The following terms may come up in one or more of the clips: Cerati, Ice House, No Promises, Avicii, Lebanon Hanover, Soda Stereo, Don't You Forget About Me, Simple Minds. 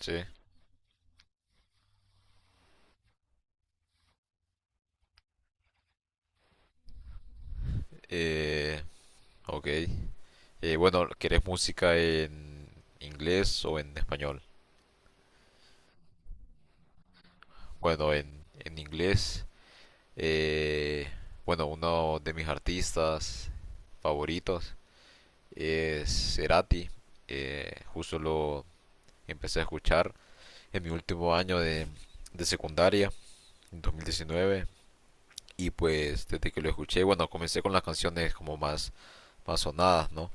Sí. Eh, ok. Bueno, ¿querés música en inglés o en español? Bueno, en inglés, eh, bueno, uno de mis artistas favoritos es Cerati. Justo lo empecé a escuchar en mi último año de secundaria, en 2019. Y pues desde que lo escuché, bueno, comencé con las canciones como más sonadas, ¿no?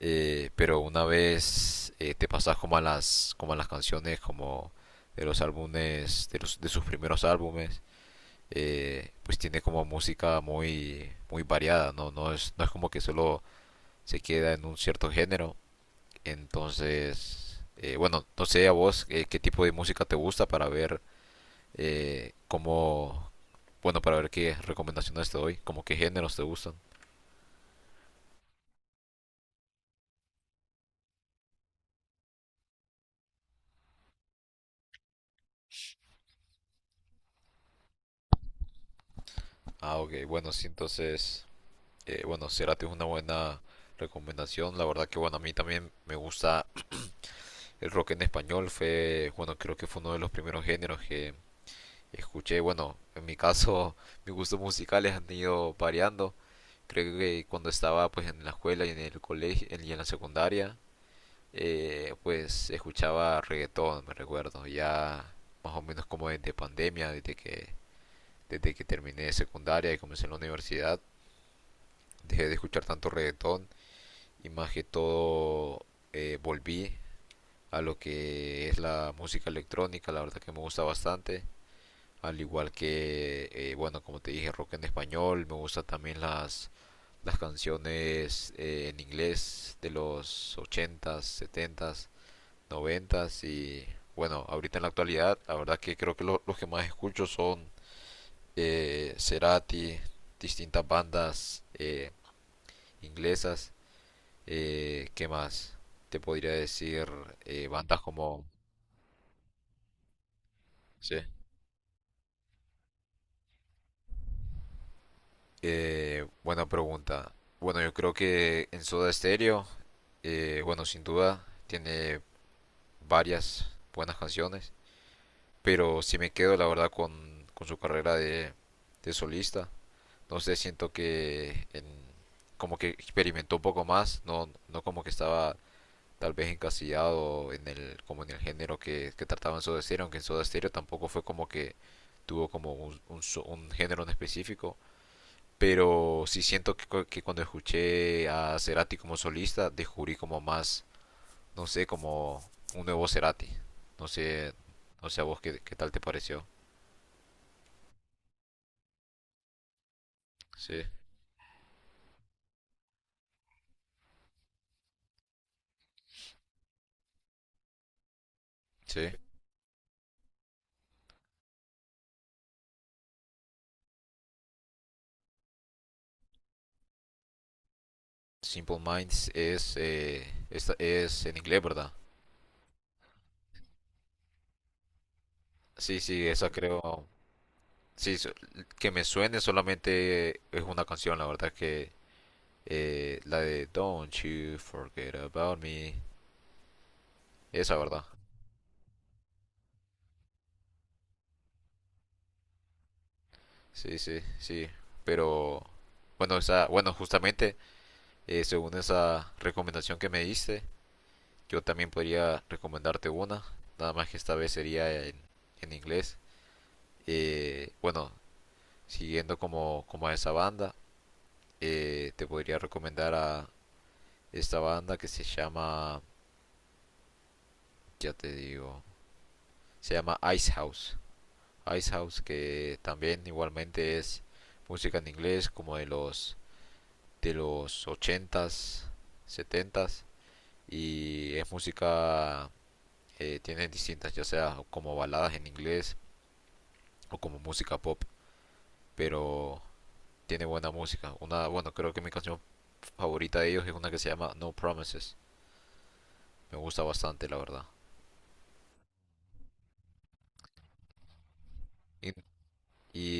Pero una vez te pasas como a las canciones como de los álbumes de sus primeros álbumes, pues tiene como música muy muy variada. No es como que solo se queda en un cierto género. Entonces, bueno, no sé a vos, qué tipo de música te gusta, para ver cómo, bueno, para ver qué recomendaciones te doy, como qué géneros te gustan. Ah, ok, bueno, sí, entonces, bueno, Cerati es una buena recomendación. La verdad que bueno, a mí también me gusta el rock en español. Fue, bueno, creo que fue uno de los primeros géneros que escuché. Bueno, en mi caso, mis gustos musicales han ido variando. Creo que cuando estaba pues en la escuela y en el colegio y en la secundaria, pues escuchaba reggaetón, me recuerdo. Ya más o menos como desde pandemia, desde que terminé secundaria y comencé en la universidad, dejé de escuchar tanto reggaetón y más que todo, volví a lo que es la música electrónica, la verdad que me gusta bastante, al igual que, bueno, como te dije, rock en español. Me gusta también las canciones en inglés de los ochentas, setentas, noventas. Y bueno, ahorita en la actualidad, la verdad que creo que los que más escucho son Cerati, distintas bandas inglesas. ¿Qué más? Te podría decir bandas como... Sí. Buena pregunta. Bueno, yo creo que en Soda Stereo, bueno, sin duda, tiene varias buenas canciones, pero si me quedo, la verdad, con su carrera de solista, no sé, siento que como que experimentó un poco más. No como que estaba tal vez encasillado en como en el género que trataba en Soda Stereo, aunque en Soda Stereo tampoco fue como que tuvo como un género en específico. Pero sí siento que cuando escuché a Cerati como solista, descubrí como más, no sé, como un nuevo Cerati. No sé, no sé a vos qué tal te pareció. Sí, sí. Simple Minds es, es en inglés, ¿verdad? Sí, sí, esa creo. Sí, que me suene solamente es una canción, la verdad que la de Don't You Forget About Me, esa, ¿verdad? Sí, sí, sí. Pero bueno, esa, bueno, justamente según esa recomendación que me diste, yo también podría recomendarte una, nada más que esta vez sería en inglés. Bueno, siguiendo como a esa banda, te podría recomendar a esta banda que se llama, ya te digo, se llama Ice House. Ice House, que también igualmente es música en inglés como de los ochentas, setentas, y es música. Tiene distintas, ya sea como baladas en inglés o como música pop, pero tiene buena música. Una, bueno, creo que mi canción favorita de ellos es una que se llama No Promises. Me gusta bastante, la verdad. Y,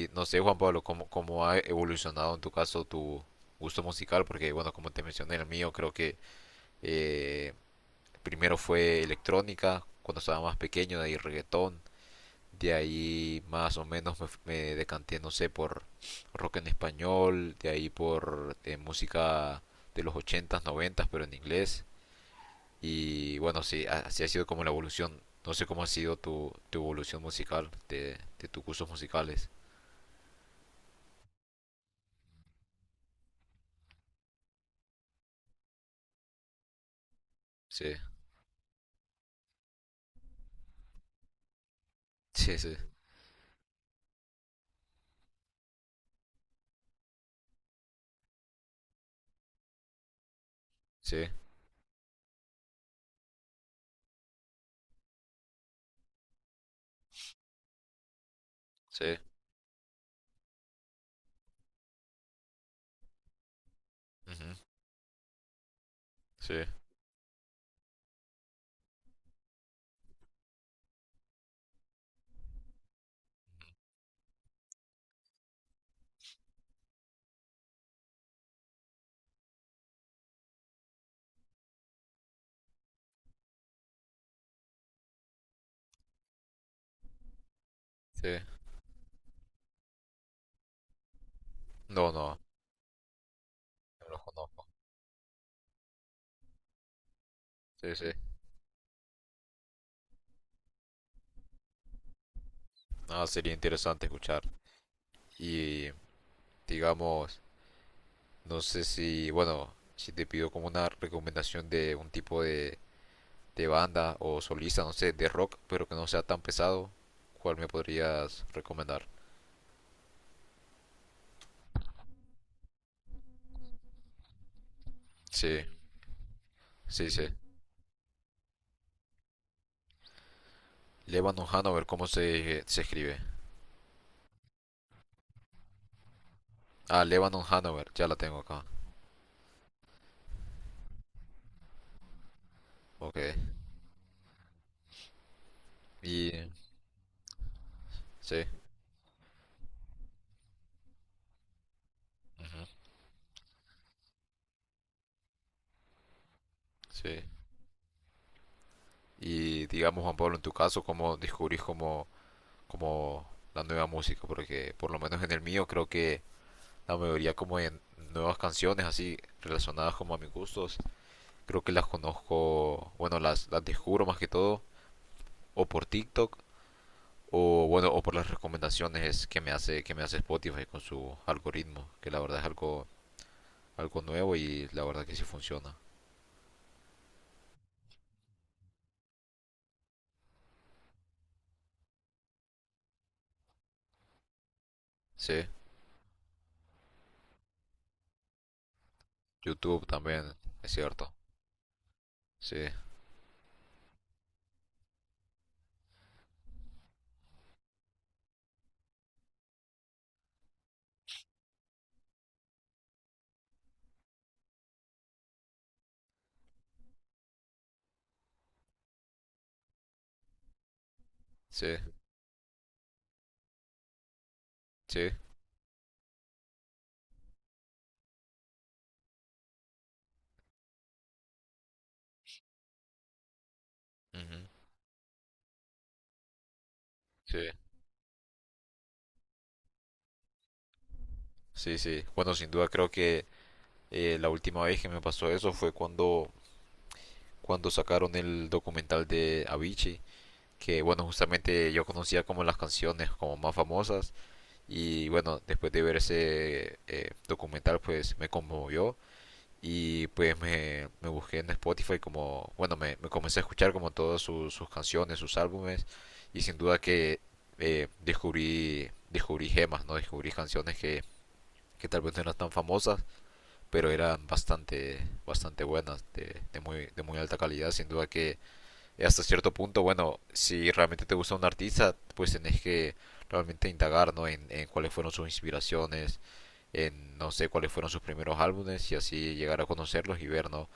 y no sé, Juan Pablo, ¿cómo, ¿cómo ha evolucionado en tu caso tu gusto musical? Porque, bueno, como te mencioné, el mío creo que eh, primero fue electrónica, cuando estaba más pequeño, de ahí reggaetón, de ahí más o menos me decanté, no sé, por rock en español, de ahí por música de los ochentas, noventas, pero en inglés. Y bueno, sí, así ha sido como la evolución. No sé cómo ha sido tu evolución musical, de tus cursos musicales. Sí, sí, sí, sí, sí, ujú, sí, sí. No, no, no los conozco. Sí, sí. Ah, sería interesante escuchar. Y digamos... No sé si, bueno, si te pido como una recomendación de un tipo de banda o solista, no sé, de rock, pero que no sea tan pesado, ¿cuál me podrías recomendar? Sí, sí, sí. Lebanon Hanover, ¿cómo se escribe? Ah, Lebanon Hanover, ya la tengo acá. Ok. Y, sí, ujú, sí. Y digamos, Juan Pablo, en tu caso, ¿cómo descubrís como, como la nueva música? Porque por lo menos en el mío creo que la mayoría como en nuevas canciones así relacionadas como a mis gustos. Creo que las conozco, bueno, las descubro más que todo o por TikTok o bueno, o por las recomendaciones que me hace Spotify con su algoritmo, que la verdad es algo algo nuevo y la verdad que sí funciona. Sí, YouTube también, es cierto. Sí, sí, sí. Ujú, sí, sí, sí. Bueno, sin duda creo que la última vez que me pasó eso fue cuando cuando sacaron el documental de Avicii, que bueno, justamente yo conocía como las canciones como más famosas, y bueno, después de ver ese documental, pues me conmovió y pues me busqué en Spotify como, bueno, me comencé a escuchar como todas sus canciones, sus álbumes. Y sin duda que descubrí, descubrí gemas, ¿no? Descubrí canciones que tal vez no eran tan famosas, pero eran bastante, bastante buenas, de muy alta calidad, sin duda que. Y hasta cierto punto, bueno, si realmente te gusta un artista, pues tenés que realmente indagar, ¿no? En cuáles fueron sus inspiraciones, en no sé cuáles fueron sus primeros álbumes, y así llegar a conocerlos y ver, ¿no?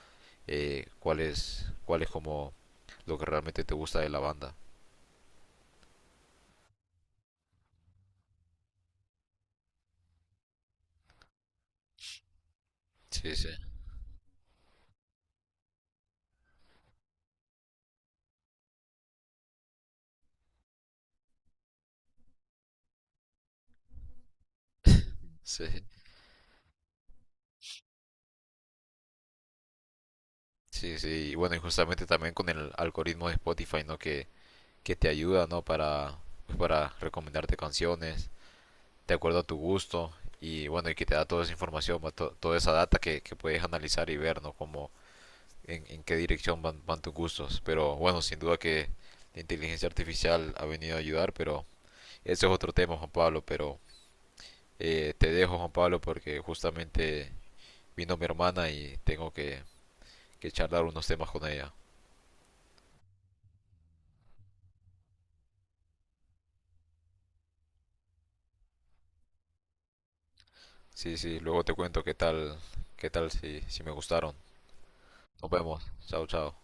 ¿Cuál cuál es como lo que realmente te gusta de la banda? Sí, sí, sí, sí, sí. Y bueno, y justamente también con el algoritmo de Spotify, ¿no? Que te ayuda, ¿no? Para, pues, para recomendarte canciones de acuerdo a tu gusto, y bueno, y que te da toda esa información, va, toda esa data que puedes analizar y ver, ¿no? Como en qué dirección van tus gustos. Pero bueno, sin duda que la inteligencia artificial ha venido a ayudar, pero ese es otro tema, Juan Pablo. Pero te dejo, Juan Pablo, porque justamente vino mi hermana y tengo que charlar unos temas con ella. Sí, sí, luego te cuento qué tal si me gustaron. Nos vemos. Chao, chao.